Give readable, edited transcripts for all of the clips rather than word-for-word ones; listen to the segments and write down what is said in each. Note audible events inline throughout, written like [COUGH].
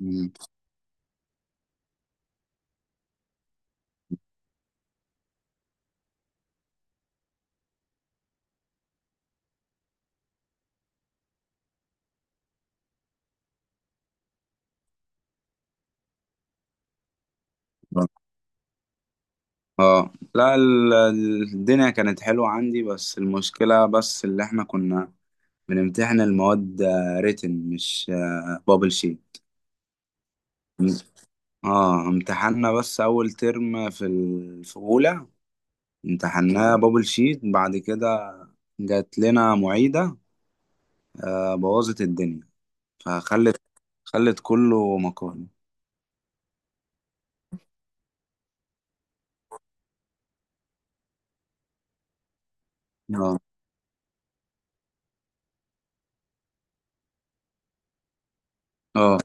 مم. اه، لا، الدنيا كانت حلوة عندي، بس المشكلة بس اللي احنا كنا بنمتحن المواد ريتن، مش بابل شيت. اه، امتحنا بس اول ترم في اولى. امتحناه بابل شيت، بعد كده جات لنا معيدة بوظت الدنيا. فخلت خلت كله مقالي. اه اه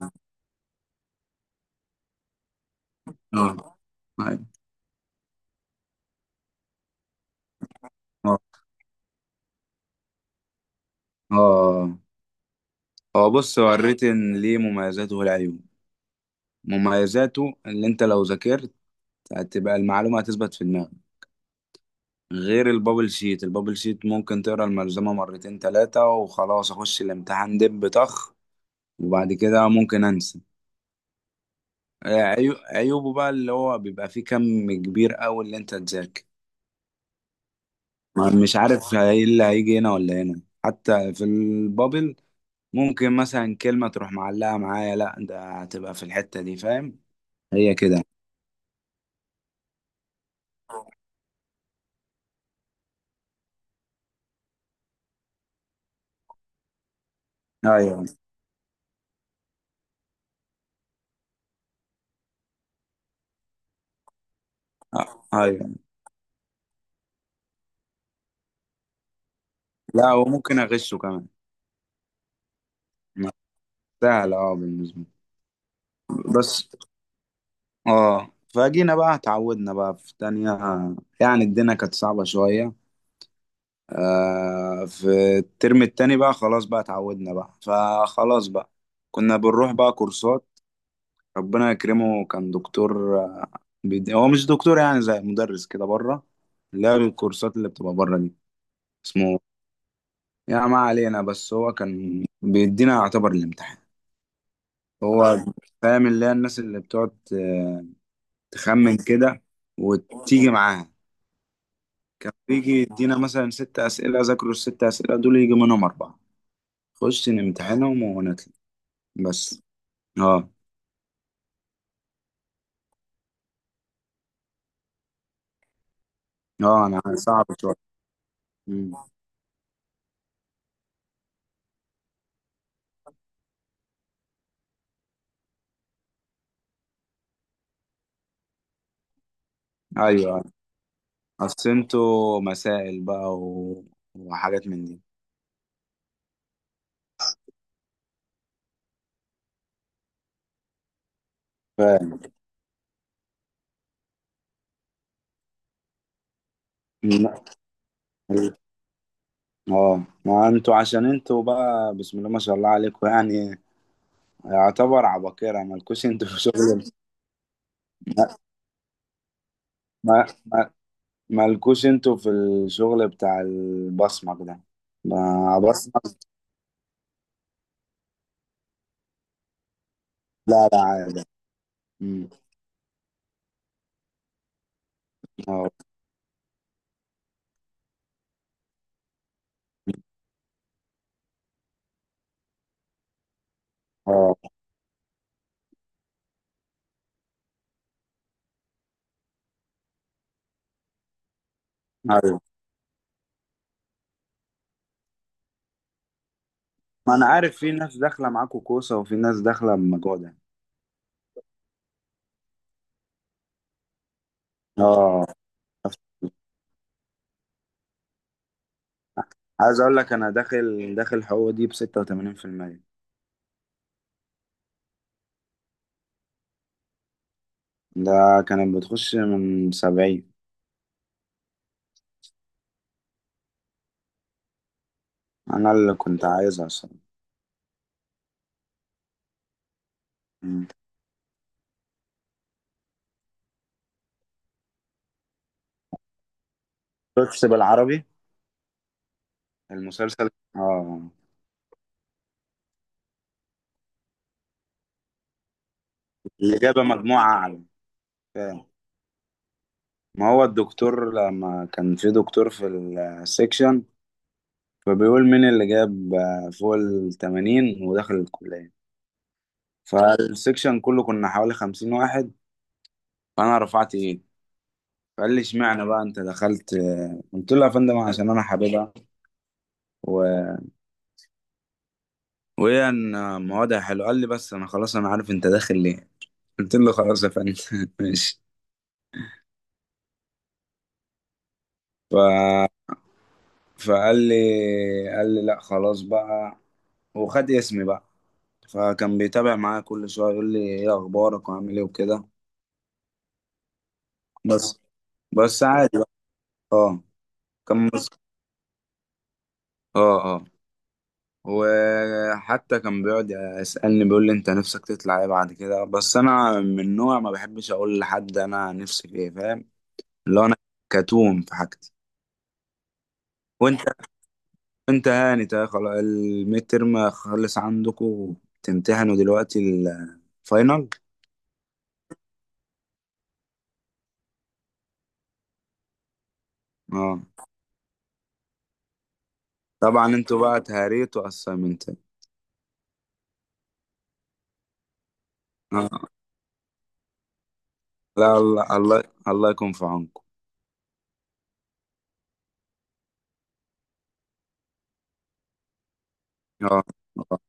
اه، أيوة. اه اه، هو بص، هو الريتن ليه مميزاته والعيوب. مميزاته اللي انت لو ذاكرت هتبقى المعلومة هتثبت في دماغك، غير البابل شيت. البابل شيت ممكن تقرا الملزمة مرتين تلاتة وخلاص، اخش الامتحان دب طخ، وبعد كده ممكن انسى. عيوبه بقى اللي هو بيبقى فيه كم كبير قوي اللي انت تذاكر، مش عارف ايه اللي هيجي هنا ولا هنا، حتى في البابل ممكن مثلا كلمة تروح معلقة معايا، لا ده هتبقى في الحتة دي، فاهم؟ هي كده. ايوه، ايوه، لا، وممكن اغشه كمان. سهلة، اه، بالنسبة لي. بس اه فجينا بقى، اتعودنا بقى في تانية، يعني الدنيا كانت صعبة شوية. في الترم التاني بقى، خلاص بقى اتعودنا بقى، فخلاص بقى كنا بنروح بقى كورسات. ربنا يكرمه، كان دكتور، هو مش دكتور، يعني زي مدرس كده بره، اللي هو الكورسات اللي بتبقى بره دي. اسمه، يعني ما علينا، بس هو كان بيدينا يعتبر الامتحان. هو فاهم اللي هي الناس اللي بتقعد تخمن كده وتيجي معاها. كان بيجي يدينا مثلا 6 أسئلة، ذاكروا الست أسئلة دول، يجي منهم 4، خش نمتحنهم ونطلع. بس اه، اه، أنا عارف، صعب شوية. مم. أيوه، أصل انتوا مسائل بقى و... وحاجات من دي، فاهم؟ لا. اه، ما انتوا عشان انتوا بقى بسم الله ما شاء الله عليكم، يعني يعتبر عباقرة، مالكوش انتوا في شغل. ما ما مالكوش انتوا في الشغل بتاع البصمك ده، ما بصمك. لا لا، عادي. مم. اه اه، ايوه، ما انا عارف في ناس داخله معاكوا كوسه، وفي ناس داخله بمجهود يعني. اه عايز اقول لك انا داخل حقوق دي ب 86%. ده كانت بتخش من 70. انا اللي كنت عايزها الصراحه. مم. شفتش بالعربي المسلسل؟ اه، اللي جاب مجموعه اعلى. ما هو الدكتور لما كان في دكتور في السكشن، فبيقول مين اللي جاب فوق التمانين ودخل الكلية. فالسكشن كله كنا حوالي 50 واحد. فأنا رفعت إيدي. فقال لي اشمعنى بقى أنت دخلت؟ قلت له يا فندم عشان أنا حاببها، و... وهي إن موادها حلوة. قال لي بس أنا خلاص، أنا عارف أنت داخل ليه. قلت له خلاص يا فندم. [LAUGHS] ماشي. ف فقال لي قال لي لا خلاص بقى، وخد اسمي بقى. فكان بيتابع معايا كل شويه، يقول لي ايه اخبارك وعامل ايه وكده. بس بس عادي بقى. اه كان مس... اه اه وحتى كان بيقعد يسألني، بيقول لي انت نفسك تطلع ايه بعد كده، بس انا من نوع ما بحبش اقول لحد انا نفسي في ايه، فاهم؟ اللي هو انا كتوم في حاجتي. وانت هاني، خلاص الميد ترم خلص عندكم؟ تمتحنوا دلوقتي الفاينل؟ اه، طبعا انتوا بقى تهاريتوا اسايمنت. اه، لا، الله، الله، الله يكون في عونكم. اه اه،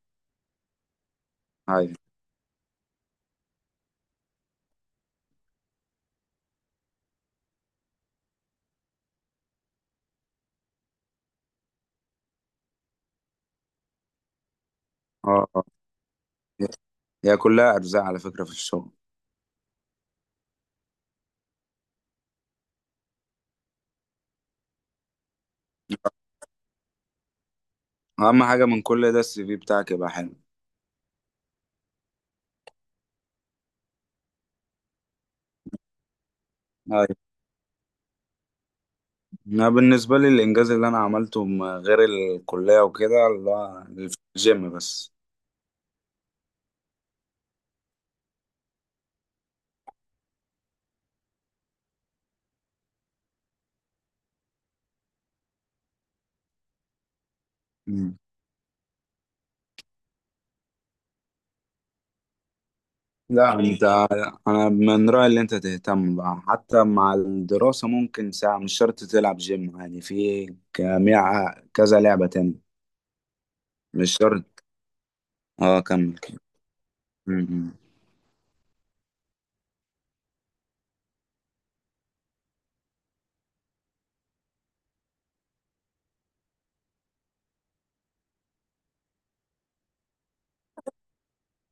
هاي، اه، هي كلها ارزاق على فكره في الشغل. اهم حاجه من كل ده السي في بتاعك يبقى حلو. هاي. انا بالنسبه لي الانجاز اللي انا عملته، غير الكليه وكده، اللي هو في الجيم بس. مم. لا انت، انا من رايي اللي انت تهتم بقى حتى مع الدراسه، ممكن ساعه، مش شرط تلعب جيم، يعني في كمية كذا لعبه تاني، مش شرط. اه، كمل. مم.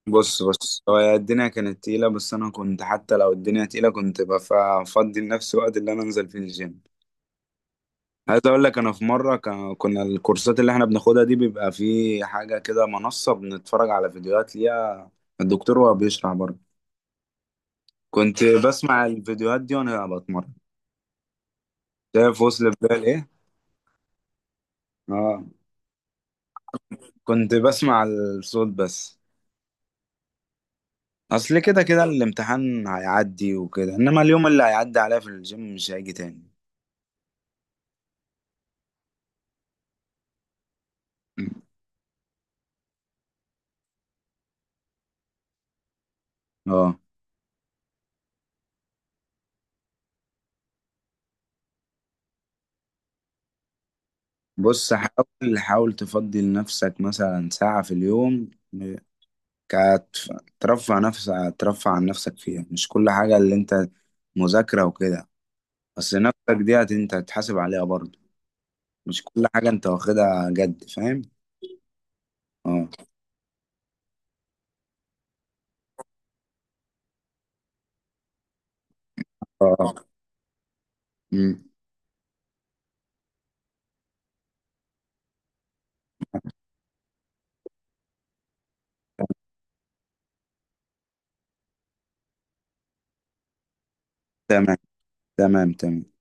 بص بص، هو الدنيا كانت تقيلة، بس أنا كنت حتى لو الدنيا تقيلة كنت بفضي لنفسي وقت اللي أنا أنزل فيه الجيم. عايز أقول لك أنا في مرة كنا الكورسات اللي إحنا بناخدها دي بيبقى في حاجة كده، منصة بنتفرج على فيديوهات ليها الدكتور وهو بيشرح برضه. كنت بسمع الفيديوهات دي وأنا بتمرن. شايف وصل بال إيه؟ آه، كنت بسمع الصوت بس. أصل كده كده الامتحان هيعدي وكده، إنما اليوم اللي هيعدي عليا في الجيم مش هيجي تاني. مم. آه بص، حاول، حاول تفضي لنفسك مثلا ساعة في اليوم. كتف- ترفع نفسك، ترفع عن نفسك فيها، مش كل حاجة اللي انت مذاكرة وكده. بس نفسك دي انت هتحاسب عليها برضه. مش كل حاجة انت واخدها جد، فاهم؟ اه اه. مم. تمام، تمام تمام